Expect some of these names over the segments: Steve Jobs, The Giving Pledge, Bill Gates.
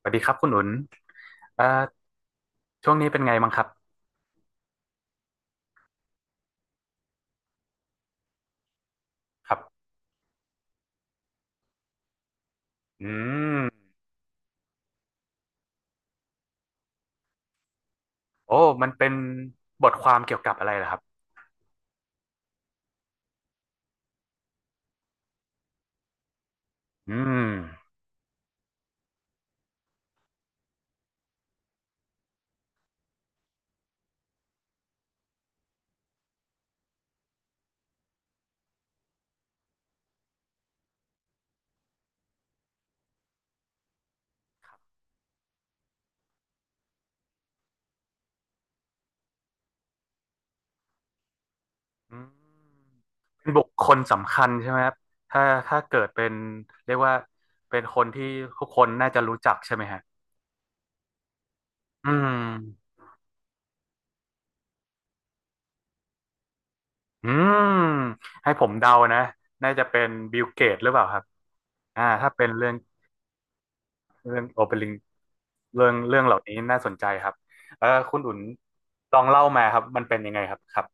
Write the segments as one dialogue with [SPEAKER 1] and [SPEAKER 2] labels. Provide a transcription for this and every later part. [SPEAKER 1] สวัสดีครับคุณหนุนเอ่อช่วงนี้เป็นไงบ้างครับ ครับอืมโอ้มันเป็นบทความเกี่ยวกับอะไรเหรอครับ อืมอืมเป็นบุคคลสำคัญใช่ไหมครับถ้าถ้าเกิดเป็นเรียกว่าเป็นคนที่ทุกคนน่าจะรู้จักใช่ไหมฮะอืมอืมให้ผมเดานะน่าจะเป็นบิลเกตหรือเปล่าครับอ่าถ้าเป็นเรื่อง เรื่องโอเปริงเรื่องเหล่านี้น่าสนใจครับเออคุณอุ่นลองเล่ามาครับมันเป็นยังไงครับครับ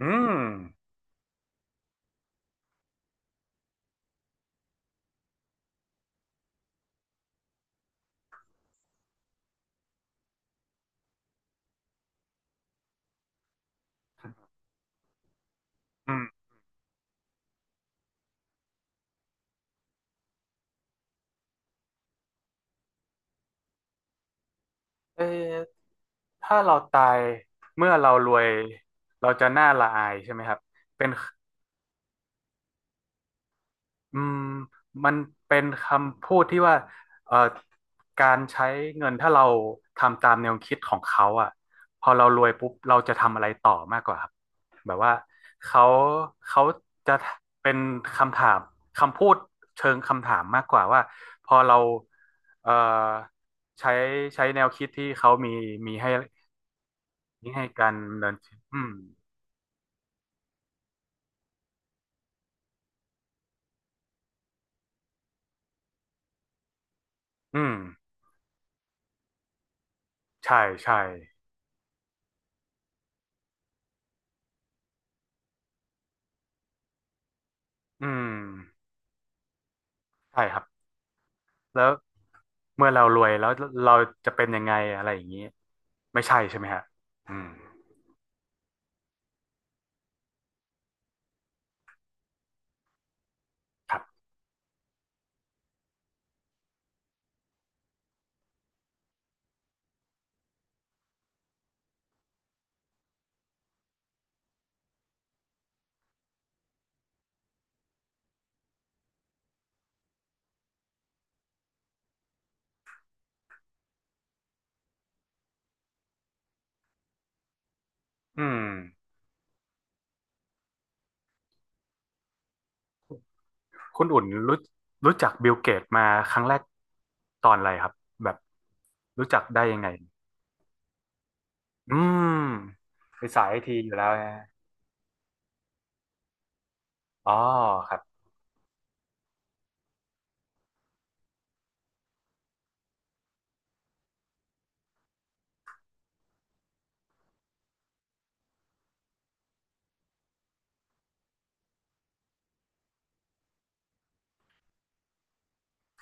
[SPEAKER 1] อืมอืมเออถ้าเราตายเมื่อเรารวยเราจะน่าละอายใช่ไหมครับเป็น อืมมันเป็นคำพูดที่ว่าเอ่อการใช้เงินถ้าเราทำตามแนวคิดของเขาอ่ะพอเรารวยปุ๊บเราจะทำอะไรต่อมากกว่าครับแบบว่าเขาเขาจะเป็นคำถามคำพูดเชิงคำถามมากกว่าว่าพอเราเอ่อใช้แนวคิดที่เขามีมีให้มีให้การดำเนินชีวิตอืมอืมใช่ใช่อืมใช่ครับ แล้วเมื่อเรารวยแล้วเราจะเป็นยังไงอะไรอย่างนี้ไม่ใช่ใช่ไหมฮะอืมครับอืมคุณอุ่นรู้รู้จักบิลเกตมาครั้งแรกตอนอะไรครับแบบรู้จักได้ยังไงอืมเป็นสายไอทีอยู่แล้วนะอ๋อครับ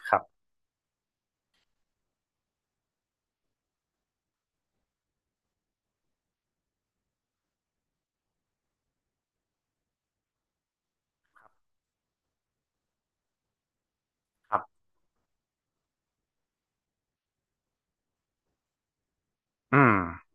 [SPEAKER 1] ครับครับอืม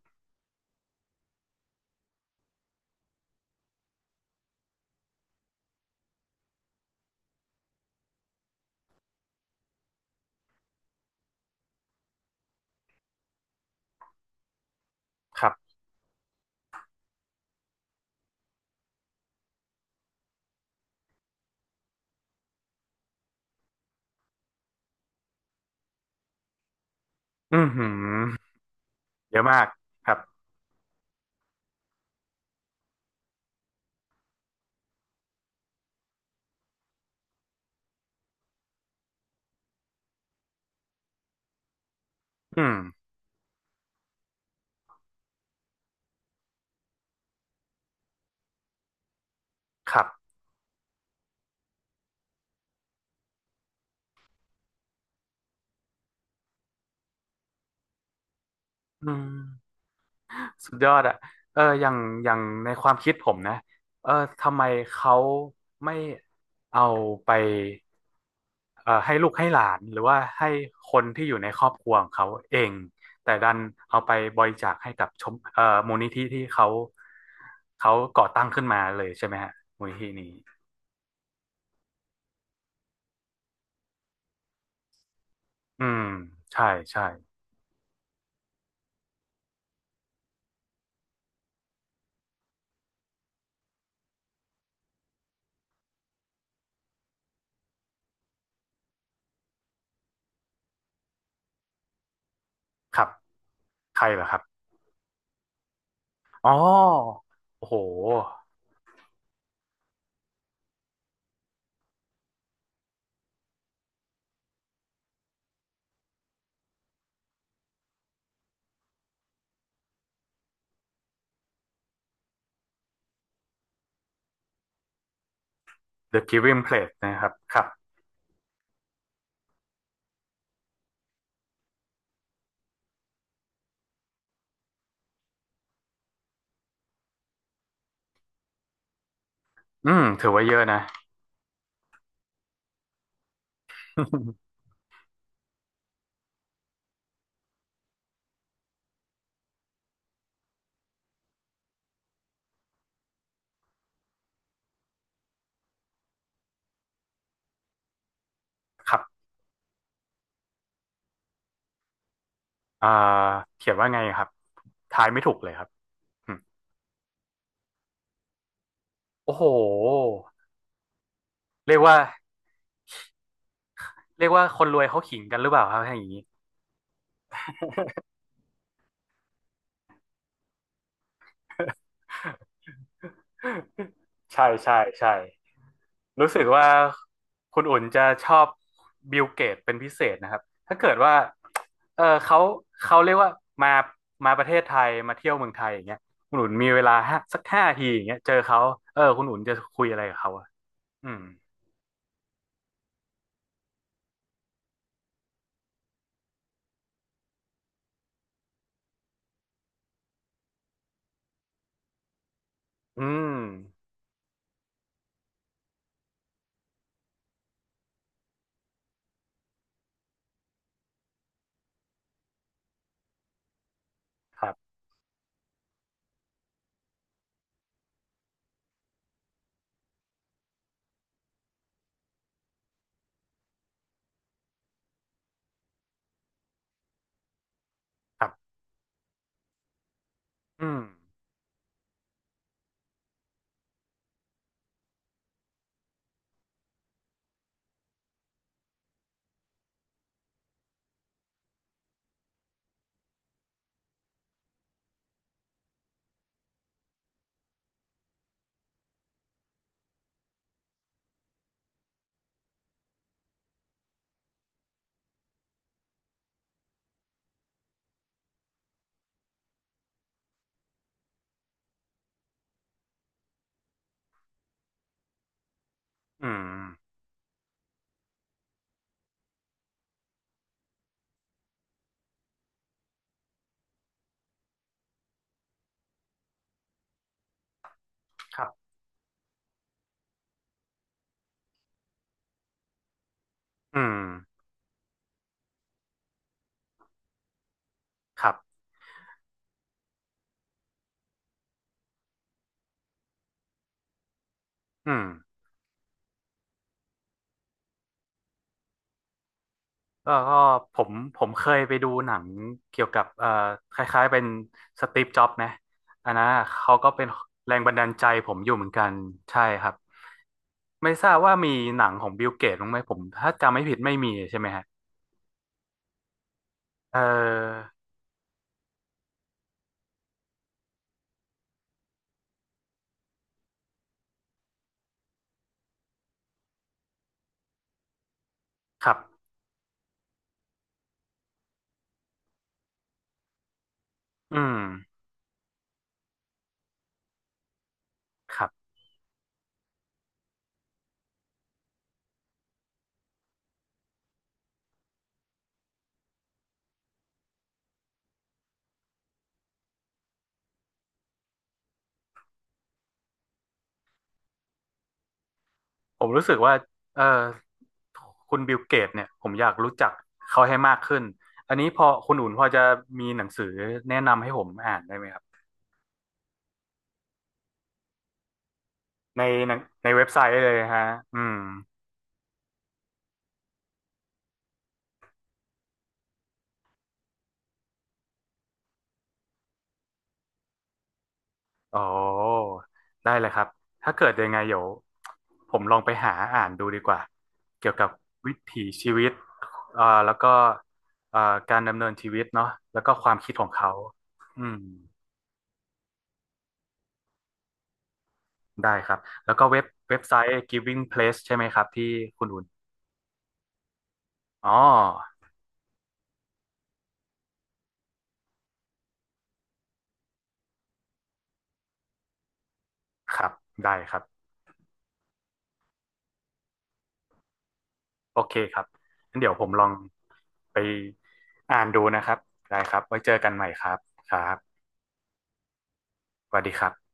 [SPEAKER 1] ครับอืมหืมเยอะมากครับอืมครับอืมสุดยอดอะเอออย่างอย่างในความคิดผมนะเออทำไมเขาไม่ เอาไปให้ลูกให้หลานหรือว่าให้คนที่อยู่ในครอบครัวของเขาเองแต่ดันเอาไปบริจาคให้กับชมมูลนิธิที่เขาเขาก่อตั้งขึ้นมาเลยใช่ไหมฮะมูลนิธินี้อืมใช่ใช่ครับใครเหรอครับอ๋อโอ้โห The Giving Pledge นะครับครับอืมถือว่าเยอะนะ ครับอ่าเขียนว่าไงครับทายไม่ถูกเลยครับอืมโอ้โหเรียกว่า เรียกว่าคนรวยเขาขิงกันหรือเปล่าครับอย่างนี้ ใช่ใช่ใช่รู้สึกว่าคุณอุ่นจะชอบบิลเกตเป็นพิเศษนะครับถ้าเกิดว่าเออเขาเขาเรียกว่ามามาประเทศไทยมาเที่ยวเมืองไทยอย่างเงี้ยคุณอุ่นมีเวลาห้าสักห้าทีอย่างเงี้ยเจอเขาเออคุณอุ่นจะคุยอะไรกับเขาอะอืมอืมครับครับอืมอืมครับอืมครับอืม ก็ก็ผมผมเคยไปดูหนังเกี่ยวกับคล้ายๆเป็นสตีฟจ็อบส์นะอันนั้นอะเขาก็เป็นแรงบันดาลใจผมอยู่เหมือนกันใช่ครับไม่ทราบว่ามีหนังของบิลเกตบ้างไหมผมถ้าจำไม่ผิดไม่มีใช่ไหมฮะเออครับอืมครับผมรู้สึกว่าเออคุณบิลเกตเนี่ยผมอยากรู้จักเขาให้มากขึ้นอันนี้พอคุณอุ่นพอจะมีหนังสือแนะนำให้ผมอ่านได้ไหมครับในหนังในเว็บไซต์เลยฮะอืม อ๋อได้เลยครับ ถ้าเกิดยังไงเดี๋ยวผมลองไปหาอ่านดูดีกว่า เกี่ยวกับวิถีชีวิตแล้วก็เอ่อการดำเนินชีวิตเนาะแล้วก็ความคิดของเขาอืมได้ครับ แล้วก็เว็บไซต์ Giving Place ใช่ไหมครับที่คุณอุ่นอ๋อครับได้ครับ โอเคครับงั้นเดี๋ยวผมลองไปอ่านดูนะครับ ได้ครับไว้เจอกันใหม่ครับครับสวัสดีครับ